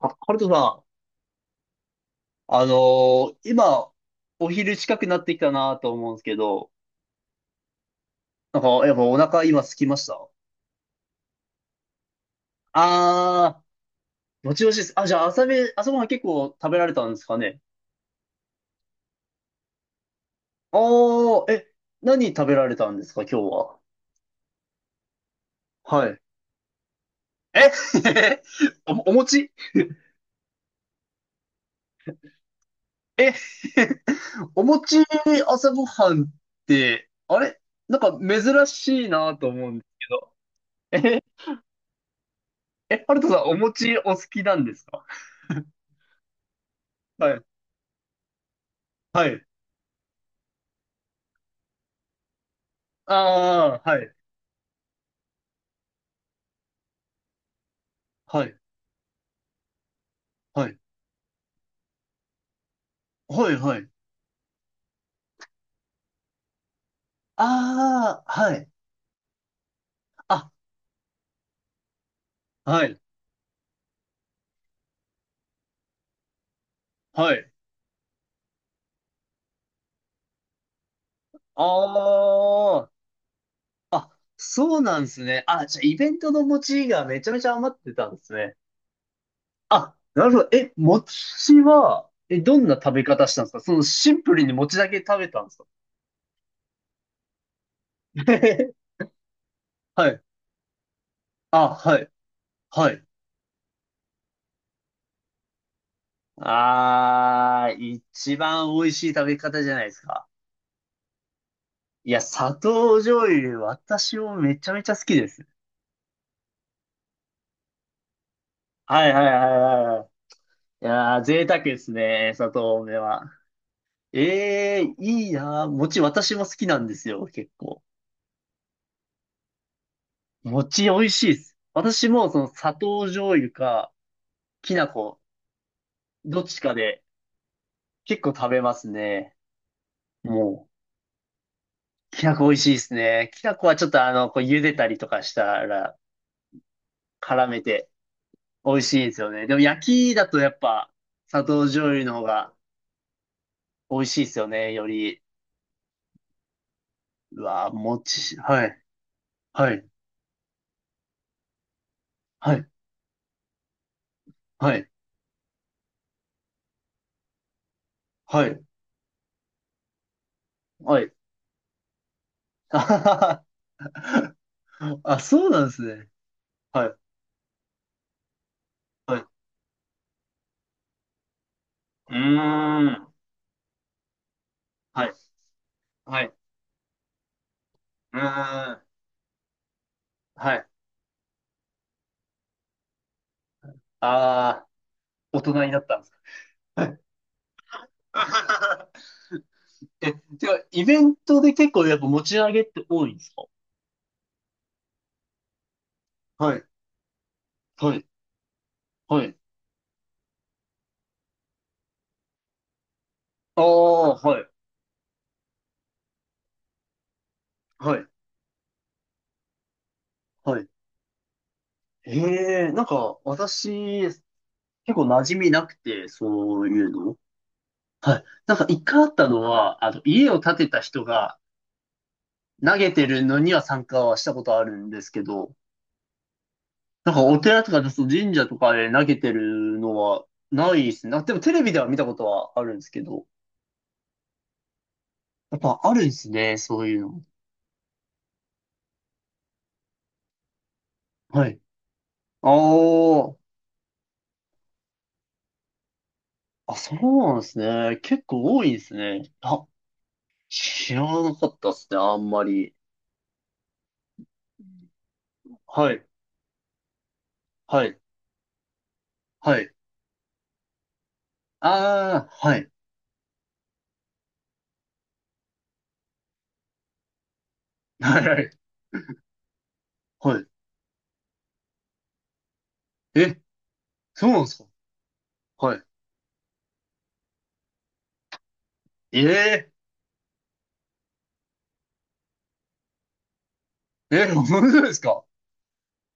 あ、ハルトさん、今、お昼近くなってきたなと思うんですけど、なんか、やっぱお腹今空きました？あー、もちもちです。あ、じゃあ朝ごはん結構食べられたんですかね？あー、え、何食べられたんですか、今日は。はい。え お餅？え お餅、朝ごはんって、あれなんか珍しいなと思うんですけど。え、え、ハルトさん、お餅お好きなんですか？はい。はい。ああ、はい、はい、はい、はい、はい。ああ、はい、あ、はい、はい。ああ、そうなんですね。あ、じゃあ、イベントの餅がめちゃめちゃ余ってたんですね。あ、なるほど。え、餅は、どんな食べ方したんですか？そのシンプルに餅だけ食べたんですか？ はい。あ、はい、はい。ああ、一番美味しい食べ方じゃないですか。いや、砂糖醤油、私もめちゃめちゃ好きです。はいはいはいはいはい。いやー、贅沢ですね、砂糖多めは。ええー、いいなー。餅私も好きなんですよ、結構。餅美味しいです。私もその砂糖醤油か、きな粉、どっちかで結構食べますね。もう、きな粉美味しいですね。きな粉はちょっとこう茹でたりとかしたら絡めて美味しいんですよね。でも焼きだとやっぱ砂糖醤油の方が美味しいですよね、より。うわー、餅。はい、はい、はい、はい。はい。はい。あはははあ、そうなんですね。はい。はい。うーん。はい。はい。うーん。はい。ああ、大人になったんですか。はい。あはは。え、てか、イベントで結構やっぱ持ち上げって多いんですか？はい。はい。はい。ああ、はい。はい。はい。へえ、なんか、私、結構馴染みなくて、そういうの。はい。なんか一回あったのは、家を建てた人が、投げてるのには参加はしたことあるんですけど、なんかお寺とか、そう神社とかで投げてるのはないですね。あ、でもテレビでは見たことはあるんですけど、やっぱあるんですね、そういうの。はい。あーあ、そうなんですね。結構多いですね。あ、知らなかったですね、あんまり。はい、はい、はい。ああ、はい、はい、はい。はい。え、そうなんですか？はい。ええー、え、本当ですか？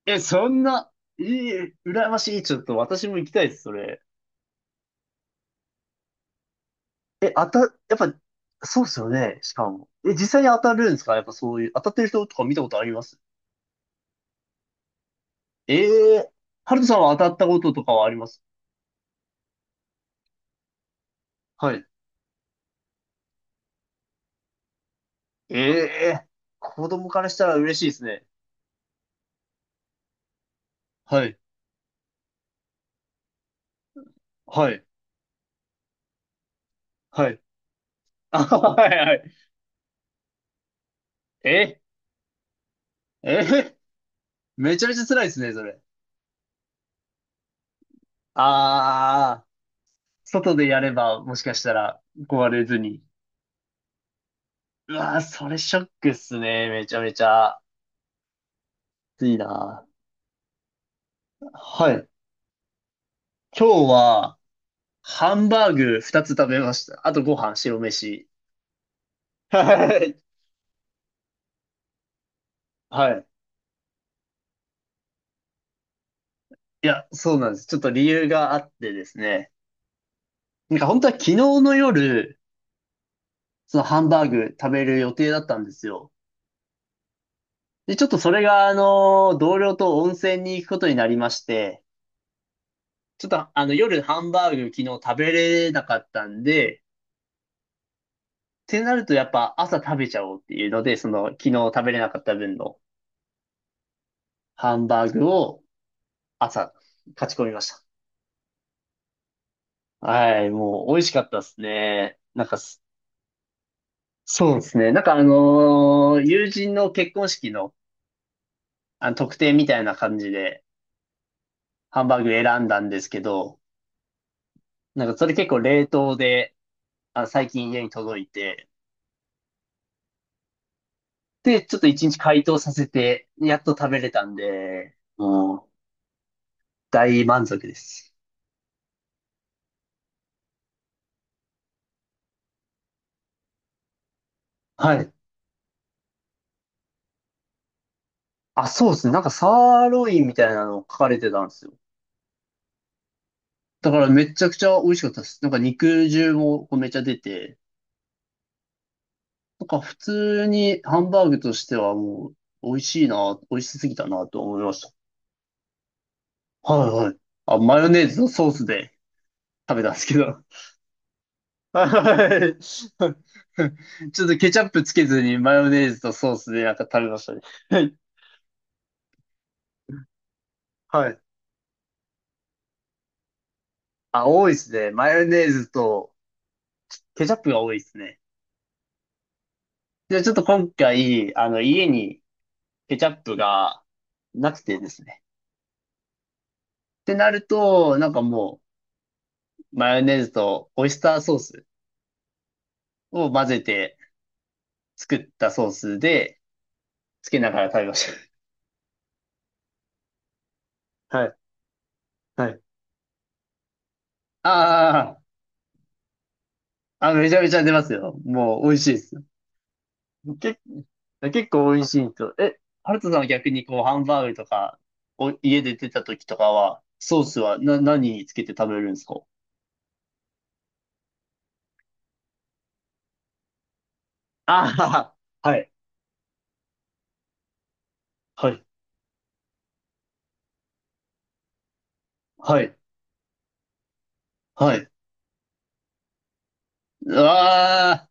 え、そんな、いい、羨ましい。ちょっと私も行きたいです、それ。え、やっぱ、そうっすよね、しかも。え、実際に当たるんですか？やっぱそういう、当たってる人とか見たことあります？ええー、ハルトさんは当たったこととかはあります？はい。ええー、子供からしたら嬉しいですね。はい、はい、はい。あ、はい、はい。え、え、めちゃめちゃ辛いですね、それ。ああ、外でやれば、もしかしたら、壊れずに。うわー、それショックっすね、めちゃめちゃ。暑いな。はい。今日は、ハンバーグ2つ食べました。あとご飯、白飯。はい。はい。いや、そうなんです。ちょっと理由があってですね。なんか本当は昨日の夜、そのハンバーグ食べる予定だったんですよ。で、ちょっとそれが、同僚と温泉に行くことになりまして、ちょっとあの夜ハンバーグ昨日食べれなかったんで、ってなるとやっぱ朝食べちゃおうっていうので、その昨日食べれなかった分のハンバーグを朝、勝ち込みました。はい、もう美味しかったですね。なんかす、そうですね。なんか友人の結婚式の、あの特典みたいな感じでハンバーグ選んだんですけど、なんかそれ結構冷凍で、あ、最近家に届いて、で、ちょっと一日解凍させて、やっと食べれたんで、もう大満足です。はい。あ、そうですね。なんかサーロインみたいなの書かれてたんですよ。だからめちゃくちゃ美味しかったです。なんか肉汁もこうめっちゃ出て、なんか普通にハンバーグとしてはもう美味しいな、美味しすぎたなと思いました。はいはい。あ、マヨネーズのソースで食べたんですけど。はい。ちょっとケチャップつけずにマヨネーズとソースでなんか食べましたね。はいはい。あ、多いですね。マヨネーズとケチャップが多いですね。で、ちょっと今回、家にケチャップがなくてですね。ってなると、なんかもう、マヨネーズとオイスターソースを混ぜて、作ったソースで、つけながら食べました。はい。はい。ああ、あ、めちゃめちゃ出ますよ。もう美味しいです。け、結構美味しいと。え、ハルトさんは逆にこう、ハンバーグとか、家で出た時とかは、ソースは何につけて食べるんですか？ああ、はい。はい。はい。はい。うわ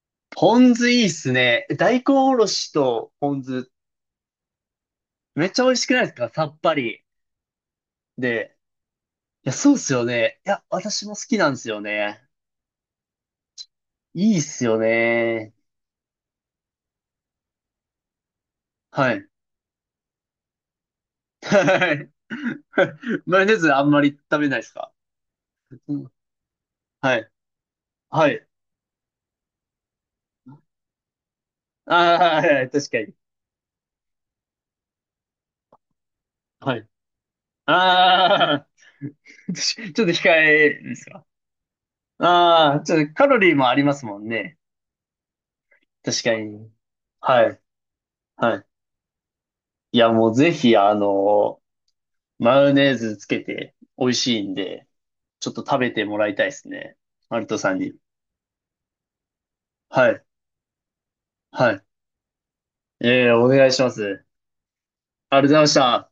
ー、ポン酢いいっすね。大根おろしとポン酢、めっちゃ美味しくないですか？さっぱり。で、いや、そうっすよね。いや、私も好きなんですよね。いいっすよね。はい。はい。マヨネーズあんまり食べないですか？うん。はい。はい。ああ、はいはい確かに。はい。ああ、ちょっと控えですか？ああ、ちょっとカロリーもありますもんね。確かに。はい。はい。いや、もうぜひ、マヨネーズつけて美味しいんで、ちょっと食べてもらいたいですね。マルトさんに。はい。はい。ええ、お願いします。ありがとうございました。